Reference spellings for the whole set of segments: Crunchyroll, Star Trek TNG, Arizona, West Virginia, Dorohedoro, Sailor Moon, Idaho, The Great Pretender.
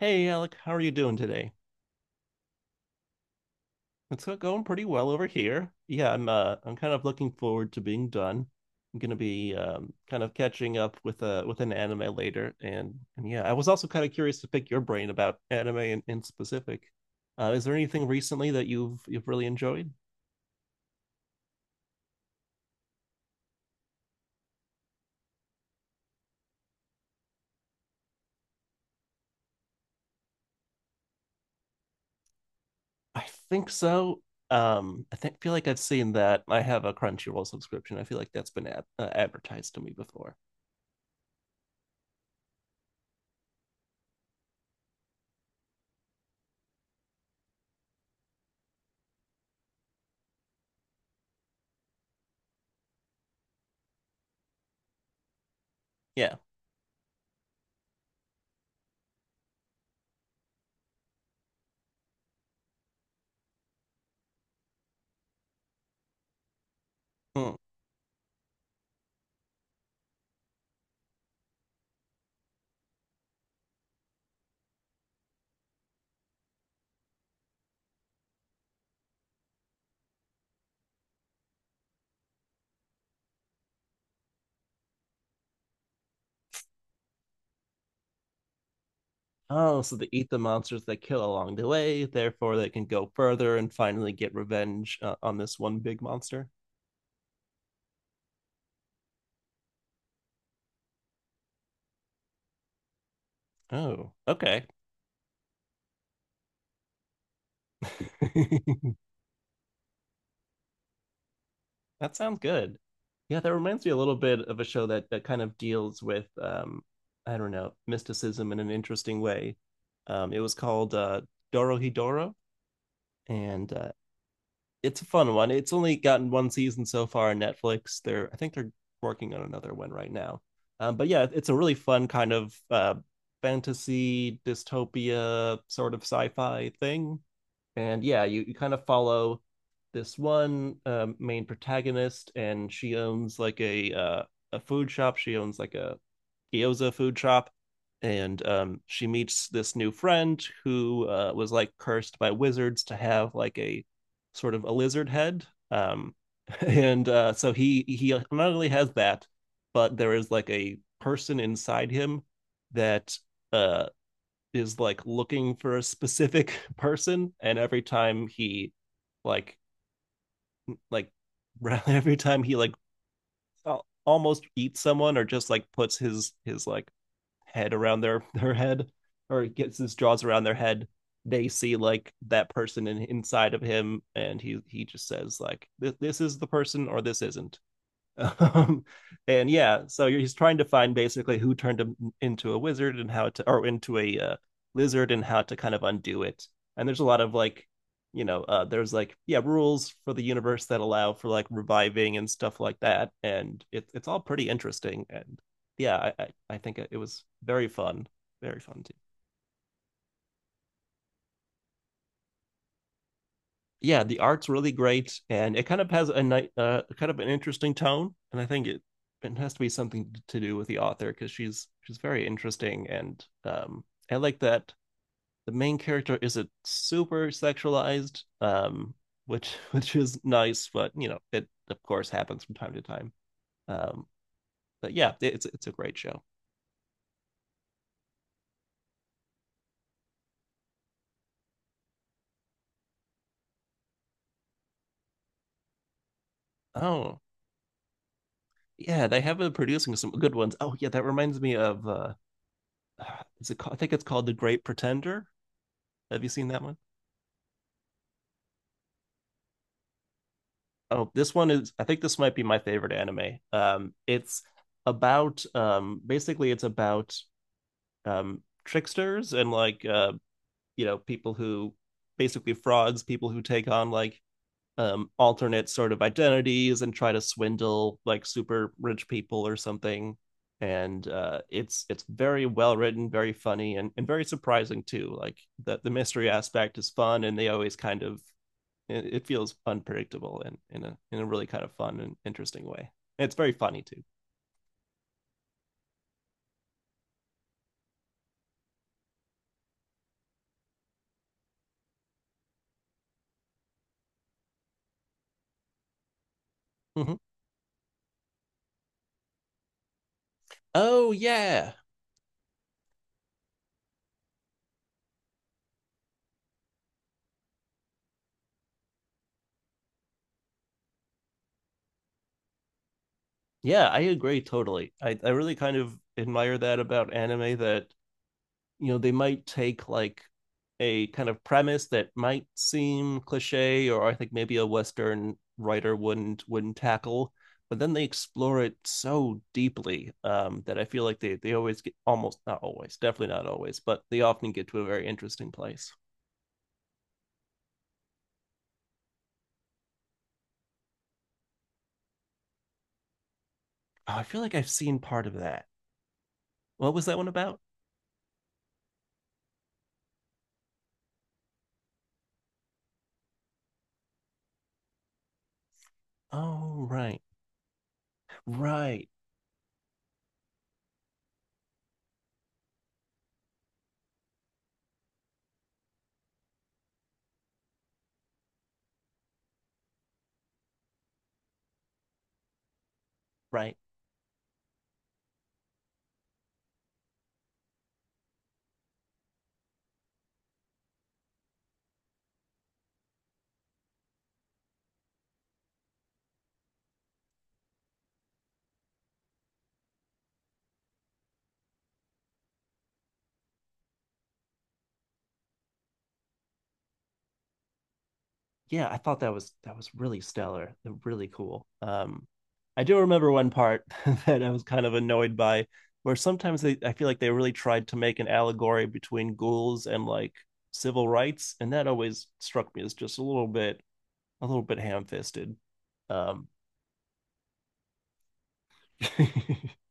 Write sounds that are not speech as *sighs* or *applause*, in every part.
Hey Alec, how are you doing today? It's going pretty well over here. Yeah, I'm kind of looking forward to being done. I'm gonna be kind of catching up with an anime later and yeah, I was also kind of curious to pick your brain about anime in specific. Is there anything recently that you've really enjoyed? I think so. I think feel like I've seen that. I have a Crunchyroll subscription. I feel like that's been ad advertised to me before. Yeah. Oh, so they eat the monsters they kill along the way, therefore they can go further and finally get revenge on this one big monster. Oh, okay. *laughs* That sounds good. Yeah, that reminds me a little bit of a show that kind of deals with I don't know, mysticism in an interesting way. It was called Dorohedoro and it's a fun one. It's only gotten one season so far on Netflix. They're I think they're working on another one right now. But yeah, it's a really fun kind of fantasy dystopia sort of sci-fi thing and yeah, you kind of follow this one main protagonist, and she owns like a food shop. She owns like a gyoza food shop, and she meets this new friend who was like cursed by wizards to have like a sort of a lizard head. *laughs* And so he not only has that, but there is like a person inside him that uh is like looking for a specific *laughs* person and every time he like like *laughs* every time he like almost eats someone or just like puts his like head around their *laughs* their head or gets his jaws around their head they see like that person inside of him and he just says like this is the person or this isn't um, and yeah, so he's trying to find basically who turned him into a wizard and how to, or into a lizard and how to kind of undo it. And there's a lot of there's like yeah rules for the universe that allow for like reviving and stuff like that. And it's all pretty interesting. And yeah, I think it was very fun to. Yeah, the art's really great, and it kind of has kind of an interesting tone, and I think it has to be something to do with the author because she's very interesting, and I like that the main character isn't super sexualized, which *laughs* which is nice, but you know it of course happens from time to time. Um, but yeah, it's a great show. Oh yeah, they have been producing some good ones. Oh yeah, that reminds me of *sighs* is it called, I think it's called The Great Pretender. Have you seen that one? Oh, this one is, I think this might be my favorite anime. It's about basically it's about tricksters and like you know people who basically frauds, people who take on like alternate sort of identities and try to swindle like super rich people or something. And it's very well written, very funny and very surprising too. Like the mystery aspect is fun and they always kind of it feels unpredictable and in a really kind of fun and interesting way. And it's very funny too. Mhm. Oh yeah, yeah, I agree totally. I really kind of admire that about anime that you know they might take like a kind of premise that might seem cliche or I think maybe a Western writer wouldn't tackle, but then they explore it so deeply that I feel like they always get almost not always definitely not always, but they often get to a very interesting place. Oh, I feel like I've seen part of that. What was that one about? Oh, right. Right. Right. Yeah, I thought that was really stellar. Really cool. I do remember one part *laughs* that I was kind of annoyed by where sometimes they I feel like they really tried to make an allegory between ghouls and like civil rights, and that always struck me as just a little bit ham-fisted. Um *laughs*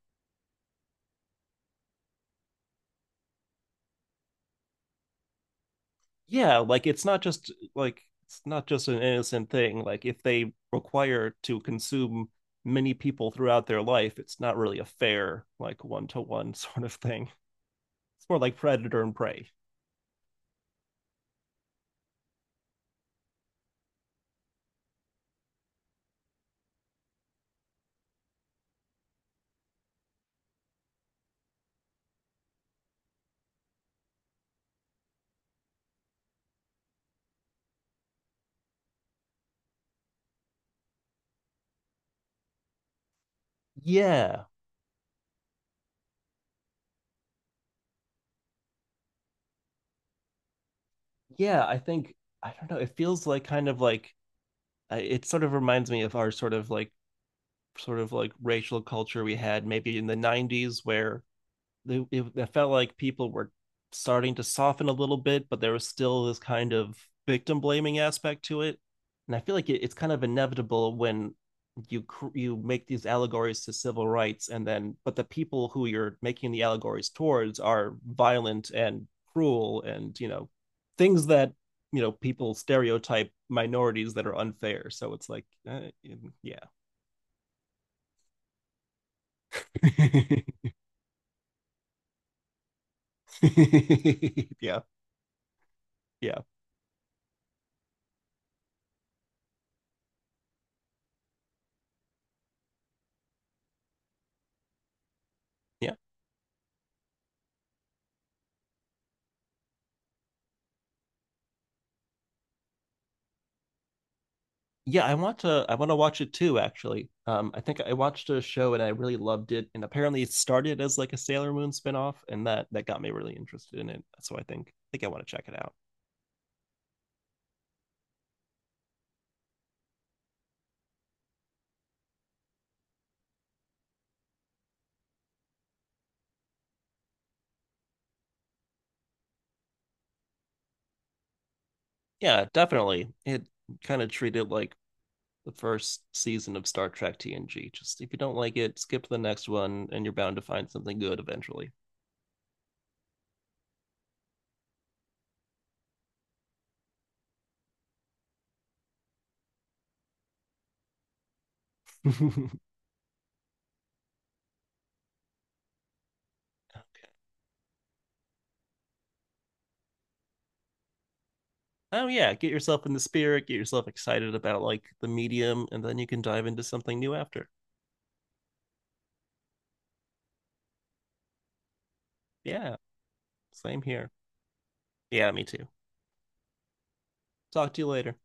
yeah like it's not just an innocent thing like if they require to consume many people throughout their life it's not really a fair like one-to-one *laughs* sort of thing it's more like predator and prey yeah yeah I don't know it feels like kind of like it sort of reminds me of our sort of like racial culture we had maybe in the 90s where it, it felt like people were starting to soften a little bit, but there was still this kind of victim blaming aspect to it. And I feel like it's kind of inevitable when you you make these allegories to civil rights, and then but the people who you're making the allegories towards are violent and cruel, and you know things that you know people stereotype minorities that are unfair. So it's like, yeah, yeah. *laughs* *laughs* yeah, yeah, yeah. Yeah, I want to watch it too, actually. I think I watched a show and I really loved it, and apparently it started as like a Sailor Moon spinoff, and that got me really interested in it. So I think I want to check it out. Yeah, definitely. It kind of treated like the first season of Star Trek TNG. Just if you don't like it, skip to the next one, and you're bound to find something good eventually. *laughs* Oh yeah, get yourself in the spirit, get yourself excited about like the medium, and then you can dive into something new after. Yeah, same here. Yeah, me too. Talk to you later.